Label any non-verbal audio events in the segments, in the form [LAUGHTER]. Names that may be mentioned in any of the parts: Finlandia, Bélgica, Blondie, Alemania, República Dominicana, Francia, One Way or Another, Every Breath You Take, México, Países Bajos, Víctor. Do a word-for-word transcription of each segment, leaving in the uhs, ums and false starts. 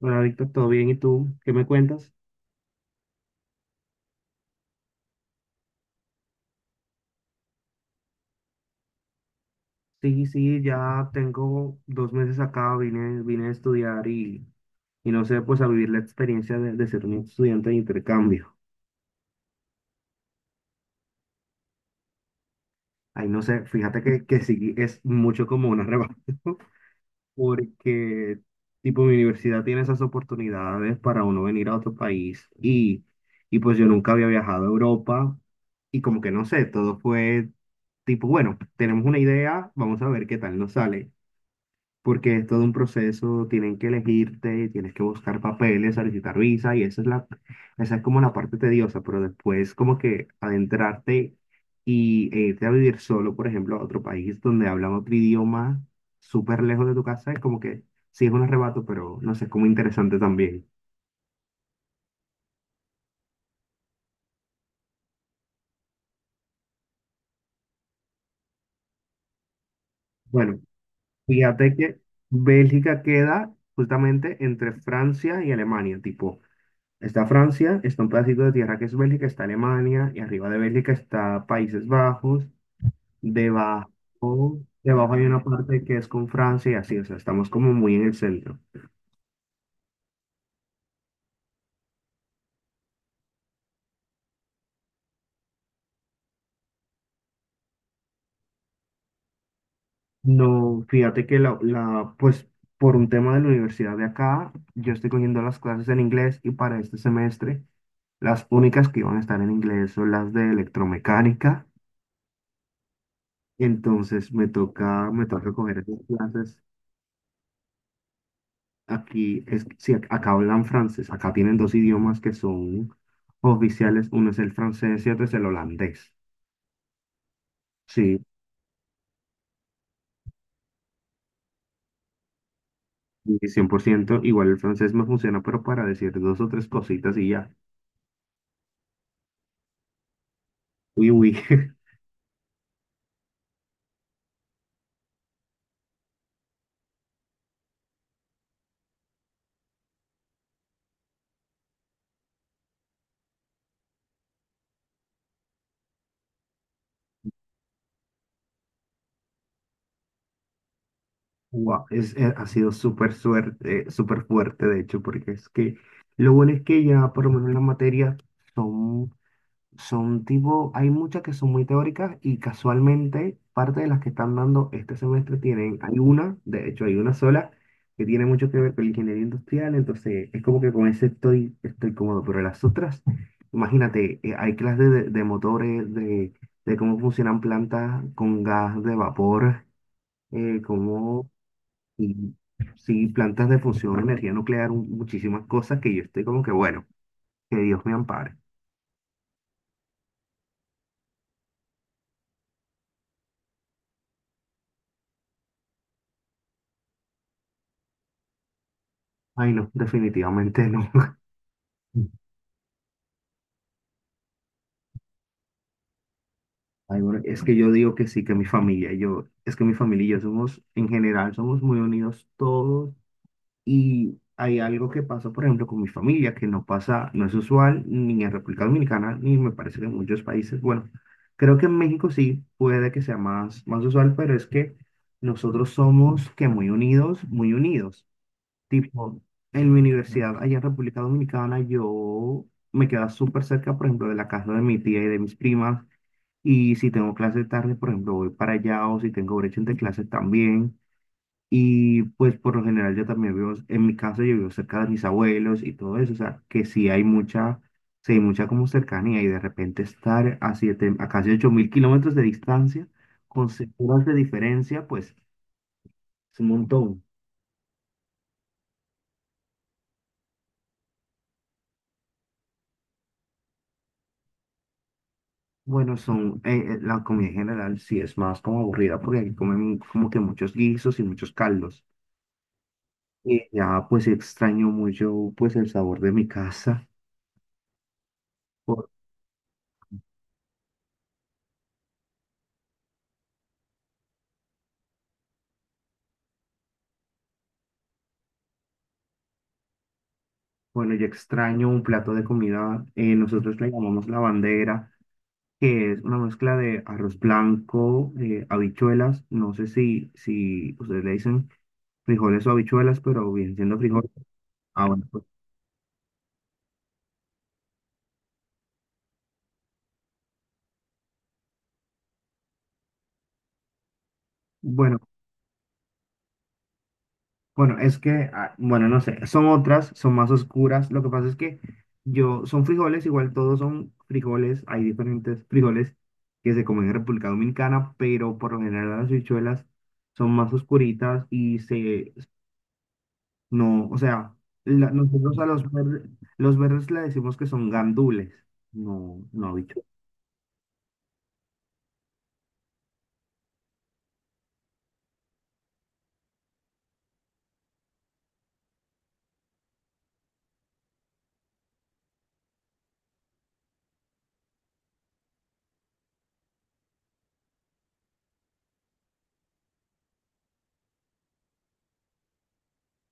Hola, Víctor, ¿todo bien? ¿Y tú? ¿Qué me cuentas? Sí, sí, ya tengo dos meses acá, vine, vine a estudiar y, y no sé, pues a vivir la experiencia de, de ser un estudiante de intercambio. Ahí no sé, fíjate que, que sí es mucho como un arrebato, [LAUGHS] porque tipo mi universidad tiene esas oportunidades para uno venir a otro país y, y pues yo nunca había viajado a Europa y como que no sé, todo fue tipo, bueno, tenemos una idea, vamos a ver qué tal nos sale. Porque es todo un proceso, tienen que elegirte, tienes que buscar papeles, solicitar visa y esa es la, esa es como la parte tediosa, pero después como que adentrarte y e irte a vivir solo, por ejemplo, a otro país donde hablan otro idioma súper lejos de tu casa, es como que sí es un arrebato, pero no sé, es como interesante también. Bueno, fíjate que Bélgica queda justamente entre Francia y Alemania, tipo está Francia, está un pedacito de tierra que es Bélgica, está Alemania, y arriba de Bélgica está Países Bajos, debajo, debajo hay una parte que es con Francia y así, o sea, estamos como muy en el centro. No, fíjate que la, la, pues por un tema de la universidad de acá, yo estoy cogiendo las clases en inglés y para este semestre las únicas que iban a estar en inglés son las de electromecánica, entonces me toca, me toca coger esas clases. Aquí, es, sí, ac- acá hablan francés, acá tienen dos idiomas que son oficiales, uno es el francés y otro es el holandés. Sí, y cien por ciento igual el francés me funciona, pero para decir dos o tres cositas y ya. Uy, uy, [LAUGHS] Guau, es, eh, ha sido súper suerte, súper fuerte, de hecho, porque es que lo bueno es que ya por lo menos las materias son Son Tipo, hay muchas que son muy teóricas y casualmente parte de las que están dando este semestre tienen, hay una, de hecho hay una sola, que tiene mucho que ver con la ingeniería industrial, entonces es como que con ese estoy, estoy, cómodo, pero las otras, imagínate, eh, hay clases de, de motores, de, de cómo funcionan plantas con gas de vapor, eh, cómo, y, sí, plantas de función, energía nuclear, un- muchísimas cosas que yo estoy como que, bueno, que Dios me ampare. Ay, no, definitivamente no. [LAUGHS] Ay, bueno, es que yo digo que sí, que mi familia, yo, es que mi familia y yo somos, en general, somos muy unidos todos y hay algo que pasa, por ejemplo, con mi familia, que no pasa, no es usual ni en República Dominicana, ni me parece que en muchos países, bueno, creo que en México sí puede que sea más, más usual, pero es que nosotros somos que muy unidos, muy unidos. Tipo, en mi universidad, allá en República Dominicana, yo me quedaba súper cerca, por ejemplo, de la casa de mi tía y de mis primas. Y si tengo clase tarde, por ejemplo, voy para allá o si tengo brecha entre clases también. Y pues por lo general yo también vivo, en mi caso yo vivo cerca de mis abuelos y todo eso, o sea, que sí hay mucha, sí hay mucha como cercanía y de repente estar a siete, a casi ocho mil kilómetros de distancia, con seis horas de diferencia, pues es un montón. Bueno, son, eh, eh, la comida en general sí es más como aburrida porque aquí comen como que muchos guisos y muchos caldos. Y ya pues extraño mucho pues el sabor de mi casa. Bu- Bueno, yo extraño un plato de comida, eh, nosotros le llamamos la bandera, que es una mezcla de arroz blanco, eh, habichuelas, no sé si, si ustedes le dicen frijoles o habichuelas, pero bien siendo frijoles. Ah, bueno, pues, bueno, bueno, es que, ah, bueno, no sé, son otras, son más oscuras, lo que pasa es que yo, son frijoles, igual todos son frijoles, hay diferentes frijoles que se comen en República Dominicana, pero por lo general las habichuelas son más oscuritas y se. No, o sea, la- nosotros a los verdes, los verdes le decimos que son gandules, no, no habichuelas.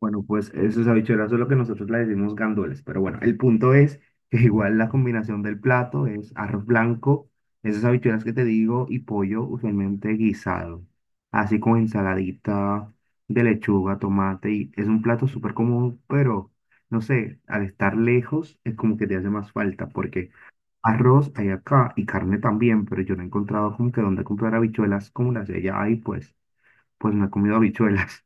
Bueno, pues esas habichuelas es lo que nosotros le decimos gandules, pero bueno, el punto es que igual la combinación del plato es arroz blanco, esas habichuelas que te digo, y pollo usualmente guisado, así como ensaladita de lechuga, tomate, y es un plato súper común, pero no sé, al estar lejos es como que te hace más falta, porque. Arroz hay acá y carne también, pero yo no he encontrado como que dónde comprar habichuelas como las de allá y pues, pues no he comido habichuelas.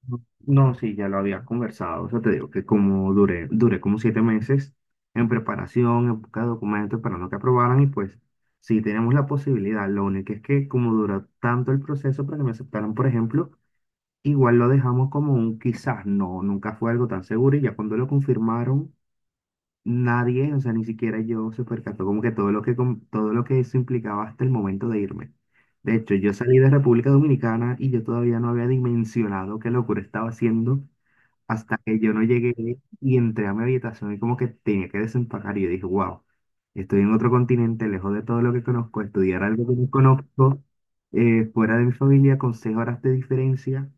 [LAUGHS] No, no, sí, ya lo había conversado, o sea, te digo que como duré, duré como siete meses en preparación, en busca de documentos, esperando que aprobaran y pues sí tenemos la posibilidad, lo único es que como duró tanto el proceso para que me aceptaran, por ejemplo, igual lo dejamos como un quizás, no, nunca fue algo tan seguro y ya cuando lo confirmaron nadie, o sea, ni siquiera yo se percató como que todo lo que, com- todo lo que eso implicaba hasta el momento de irme. De hecho, yo salí de República Dominicana y yo todavía no había dimensionado qué locura estaba haciendo hasta que yo no llegué y entré a mi habitación y como que tenía que desempacar y yo dije, wow, estoy en otro continente, lejos de todo lo que conozco, estudiar algo que no conozco, eh, fuera de mi familia, con seis horas de diferencia.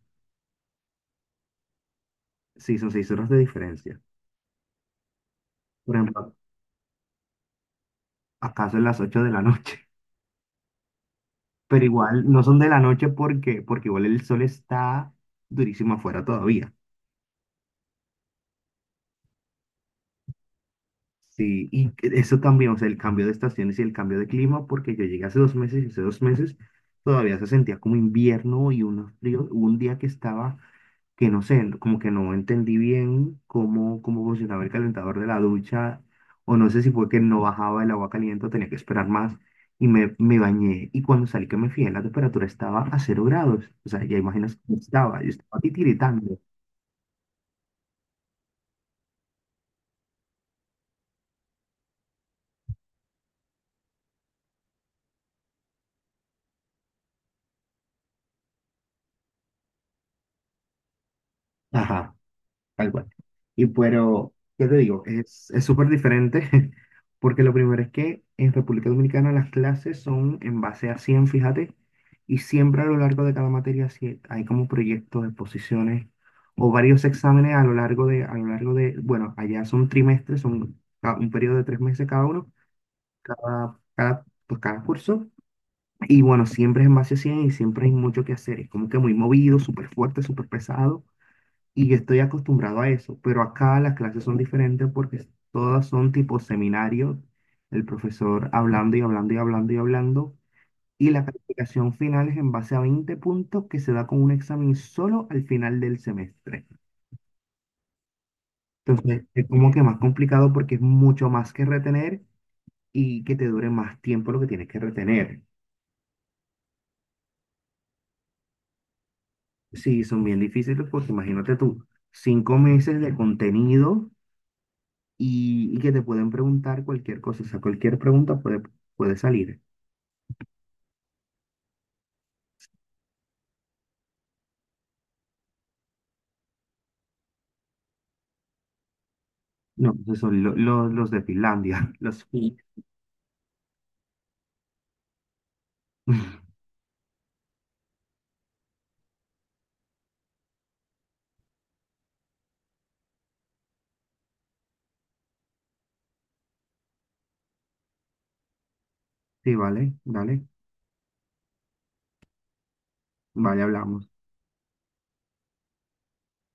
Sí, son seis horas de diferencia. Por ejemplo, ¿acaso en las ocho de la noche? Pero igual no son de la noche porque, porque igual el sol está durísimo afuera todavía. Sí, y eso también, o sea, el cambio de estaciones y el cambio de clima, porque yo llegué hace dos meses y hace dos meses todavía se sentía como invierno y un frío, hubo un día que estaba que no sé, como que no entendí bien cómo, cómo, funcionaba el calentador de la ducha, o no sé si fue que no bajaba el agua caliente o tenía que esperar más, y me, me bañé, y cuando salí que me fijé, la temperatura estaba a cero grados, o sea, ya imaginas cómo estaba, yo estaba titiritando. Ajá. Tal cual. Y pero, ¿qué te digo? Es, es súper diferente, [LAUGHS] porque lo primero es que en República Dominicana las clases son en base a cien, fíjate, y siempre a lo largo de cada materia sí hay como proyectos, exposiciones o varios exámenes a lo largo de, a lo largo de, bueno, allá son trimestres, son ca- un periodo de tres meses cada uno, cada, cada, pues cada curso, y bueno, siempre es en base a cien y siempre hay mucho que hacer, es como que muy movido, súper fuerte, súper pesado. Y yo estoy acostumbrado a eso, pero acá las clases son diferentes porque todas son tipo seminario, el profesor hablando y hablando y hablando y hablando, y la calificación final es en base a veinte puntos que se da con un examen solo al final del semestre. Entonces, es como que más complicado porque es mucho más que retener y que te dure más tiempo lo que tienes que retener. Sí, son bien difíciles porque imagínate tú, cinco meses de contenido y, y que te pueden preguntar cualquier cosa, o sea, cualquier pregunta puede, puede salir. No, esos son lo- lo- los de Finlandia, [LAUGHS] los. Sí, [LAUGHS] Sí, vale, dale, vale, hablamos.